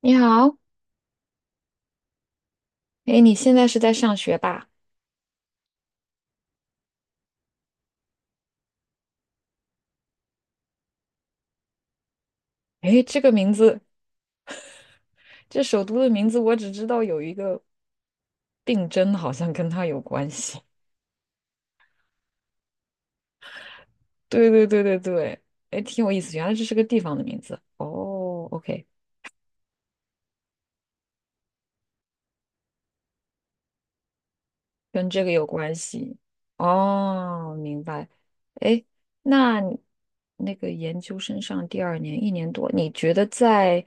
你好，哎，你现在是在上学吧？哎，这个名字，这首都的名字，我只知道有一个病征，好像跟他有关系。对对对对对，哎，挺有意思，原来这是个地方的名字。哦，OK，跟这个有关系。哦，明白。哎，那你那个研究生上第二年一年多，你觉得在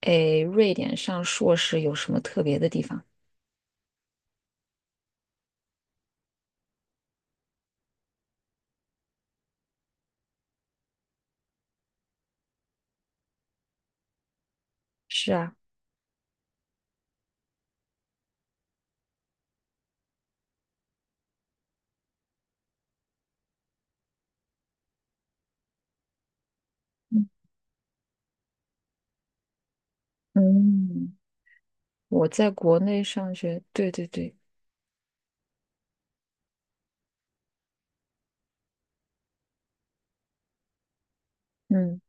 哎瑞典上硕士有什么特别的地方？是啊，嗯嗯我在国内上学，对对对，嗯，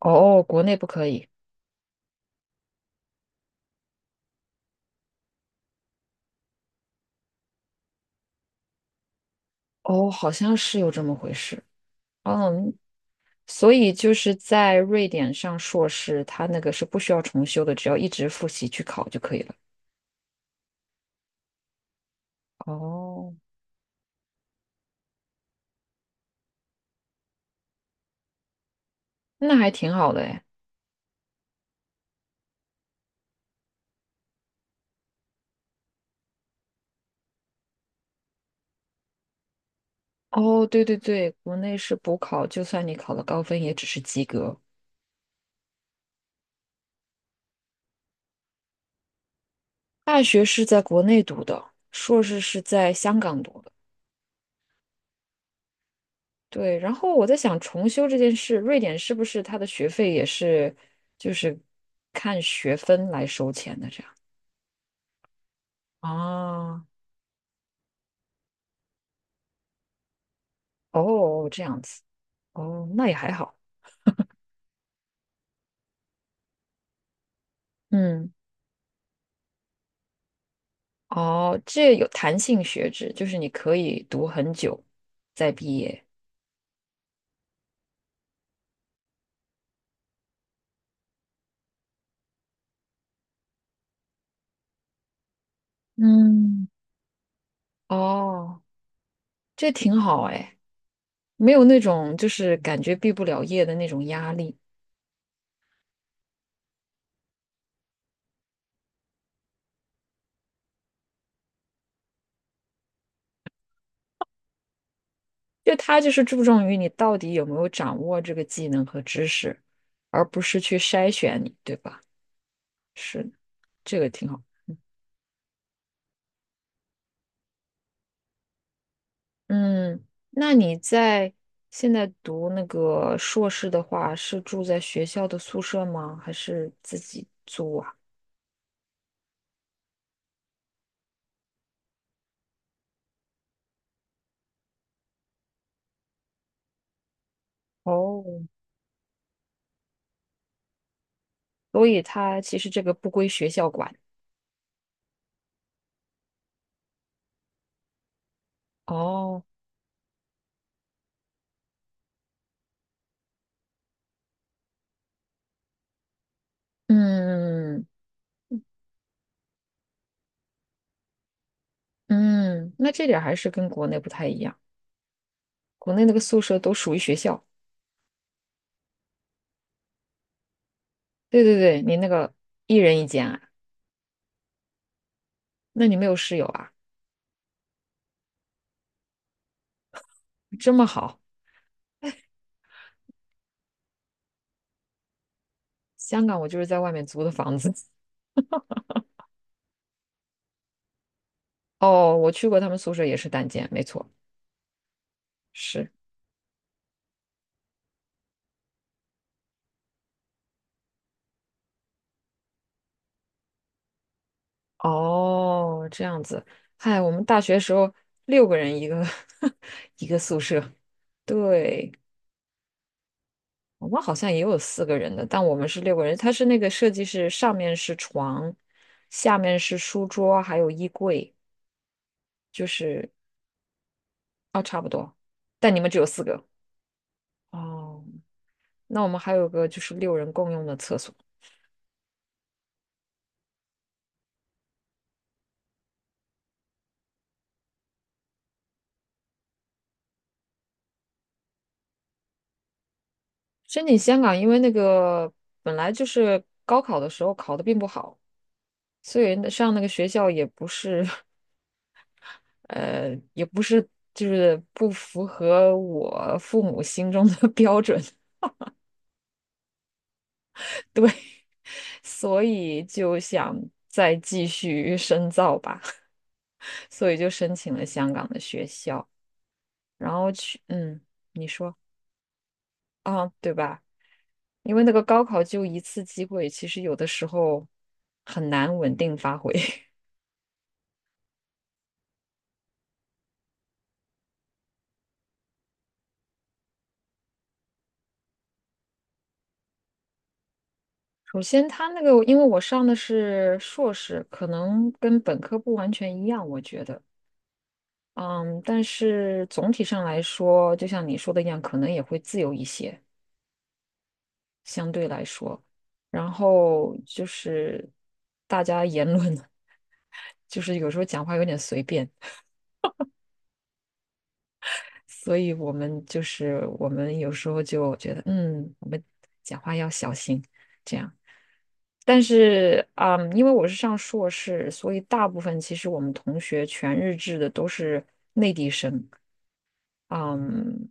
哦，国内不可以，哦，好像是有这么回事，嗯，所以就是在瑞典上硕士，他那个是不需要重修的，只要一直复习去考就可以了。哦，那还挺好的哎。哦，对对对，国内是补考，就算你考了高分，也只是及格。大学是在国内读的，硕士是在香港读。的。对，然后我在想重修这件事，瑞典是不是它的学费也是就是看学分来收钱的这样？啊，哦，这样子，哦，那也还好，嗯，哦，这有弹性学制，就是你可以读很久再毕业，嗯，哦，这挺好哎，没有那种就是感觉毕不了业的那种压力。就他就是注重于你到底有没有掌握这个技能和知识，而不是去筛选你，对吧？是的，这个挺好。嗯，那你在现在读那个硕士的话，是住在学校的宿舍吗？还是自己租啊？哦，所以他其实这个不归学校管。哦，嗯嗯，那这点儿还是跟国内不太一样。国内那个宿舍都属于学校。对对对，你那个一人一间啊。那你没有室友啊？这么好，香港我就是在外面租的房子。哦，我去过他们宿舍，也是单间，没错，是。哦，这样子。嗨，我们大学时候六个人一个 一个宿舍，对，我们好像也有四个人的，但我们是六个人。它是那个设计是上面是床，下面是书桌，还有衣柜，就是哦，差不多。但你们只有四个哦，那我们还有个就是六人共用的厕所。申请香港，因为那个本来就是高考的时候考的并不好，所以那上那个学校也不是 也不是就是不符合我父母心中的 标准，对，所以就想再继续深造吧，所以就申请了香港的学校，然后去，嗯，你说啊，对吧？因为那个高考就一次机会，其实有的时候很难稳定发挥。首先，他那个，因为我上的是硕士，可能跟本科不完全一样，我觉得，嗯，但是总体上来说，就像你说的一样，可能也会自由一些，相对来说。然后就是大家言论，就是有时候讲话有点随便，所以我们有时候就觉得，嗯，我们讲话要小心，这样。但是，嗯，因为我是上硕士，所以大部分其实我们同学全日制的都是内地生，嗯，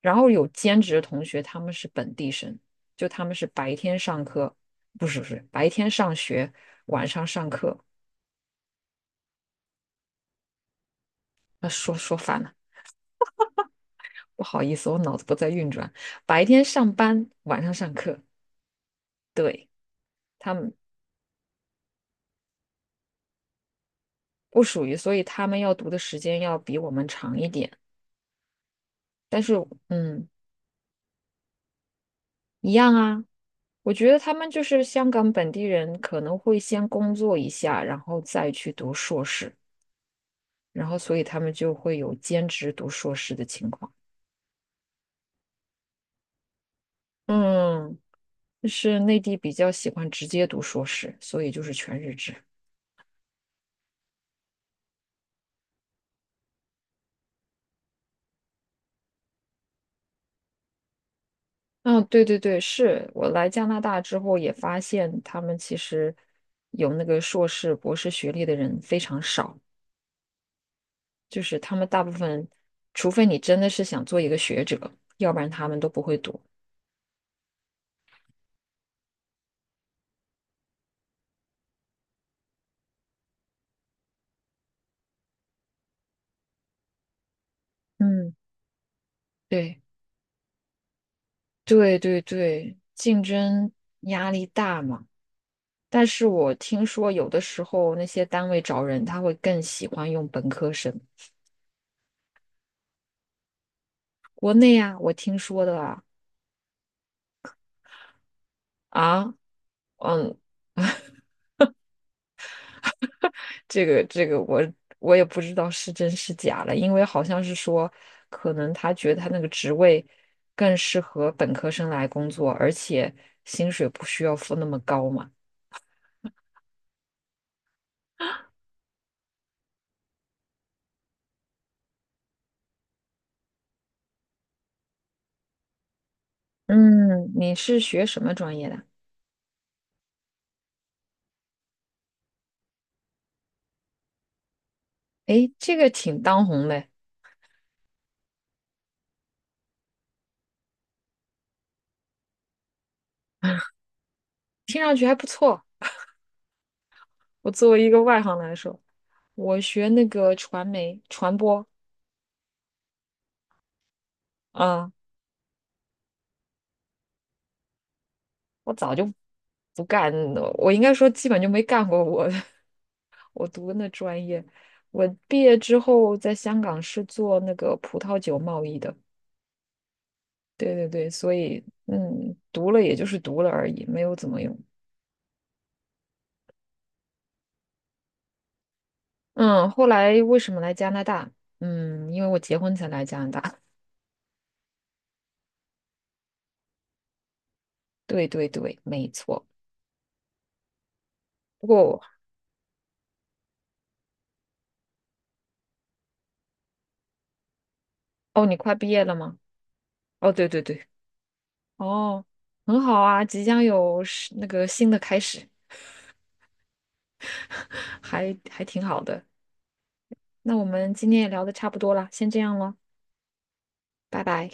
然后有兼职的同学他们是本地生，就他们是白天上课，不是不是白天上学，晚上上课。那说说反了，不好意思，我脑子不在运转。白天上班，晚上上课，对，他们不属于，所以他们要读的时间要比我们长一点。但是，嗯，一样啊。我觉得他们就是香港本地人，可能会先工作一下，然后再去读硕士，然后所以他们就会有兼职读硕士的情况。嗯，就是内地比较喜欢直接读硕士，所以就是全日制。嗯，对对对，是我来加拿大之后也发现，他们其实有那个硕士、博士学历的人非常少。就是他们大部分，除非你真的是想做一个学者，要不然他们都不会读。嗯对对对对，竞争压力大嘛。但是我听说有的时候那些单位找人，他会更喜欢用本科生。国内啊，我听说的啊，啊，嗯，这个我也不知道是真是假了，因为好像是说，可能他觉得他那个职位更适合本科生来工作，而且薪水不需要付那么高嘛。嗯，你是学什么专业的？诶，这个挺当红的，听上去还不错。我作为一个外行来说，我学那个传媒传播，啊、我早就不干，我应该说基本就没干过我 的我读的那专业，我毕业之后在香港是做那个葡萄酒贸易的。对对对，所以嗯，读了也就是读了而已，没有怎么用。嗯，后来为什么来加拿大？嗯，因为我结婚才来加拿大。对对对，没错。不过哦，你快毕业了吗？哦，对对对，哦，很好啊，即将有是那个新的开始，还还挺好的。那我们今天也聊的差不多了，先这样了，拜拜。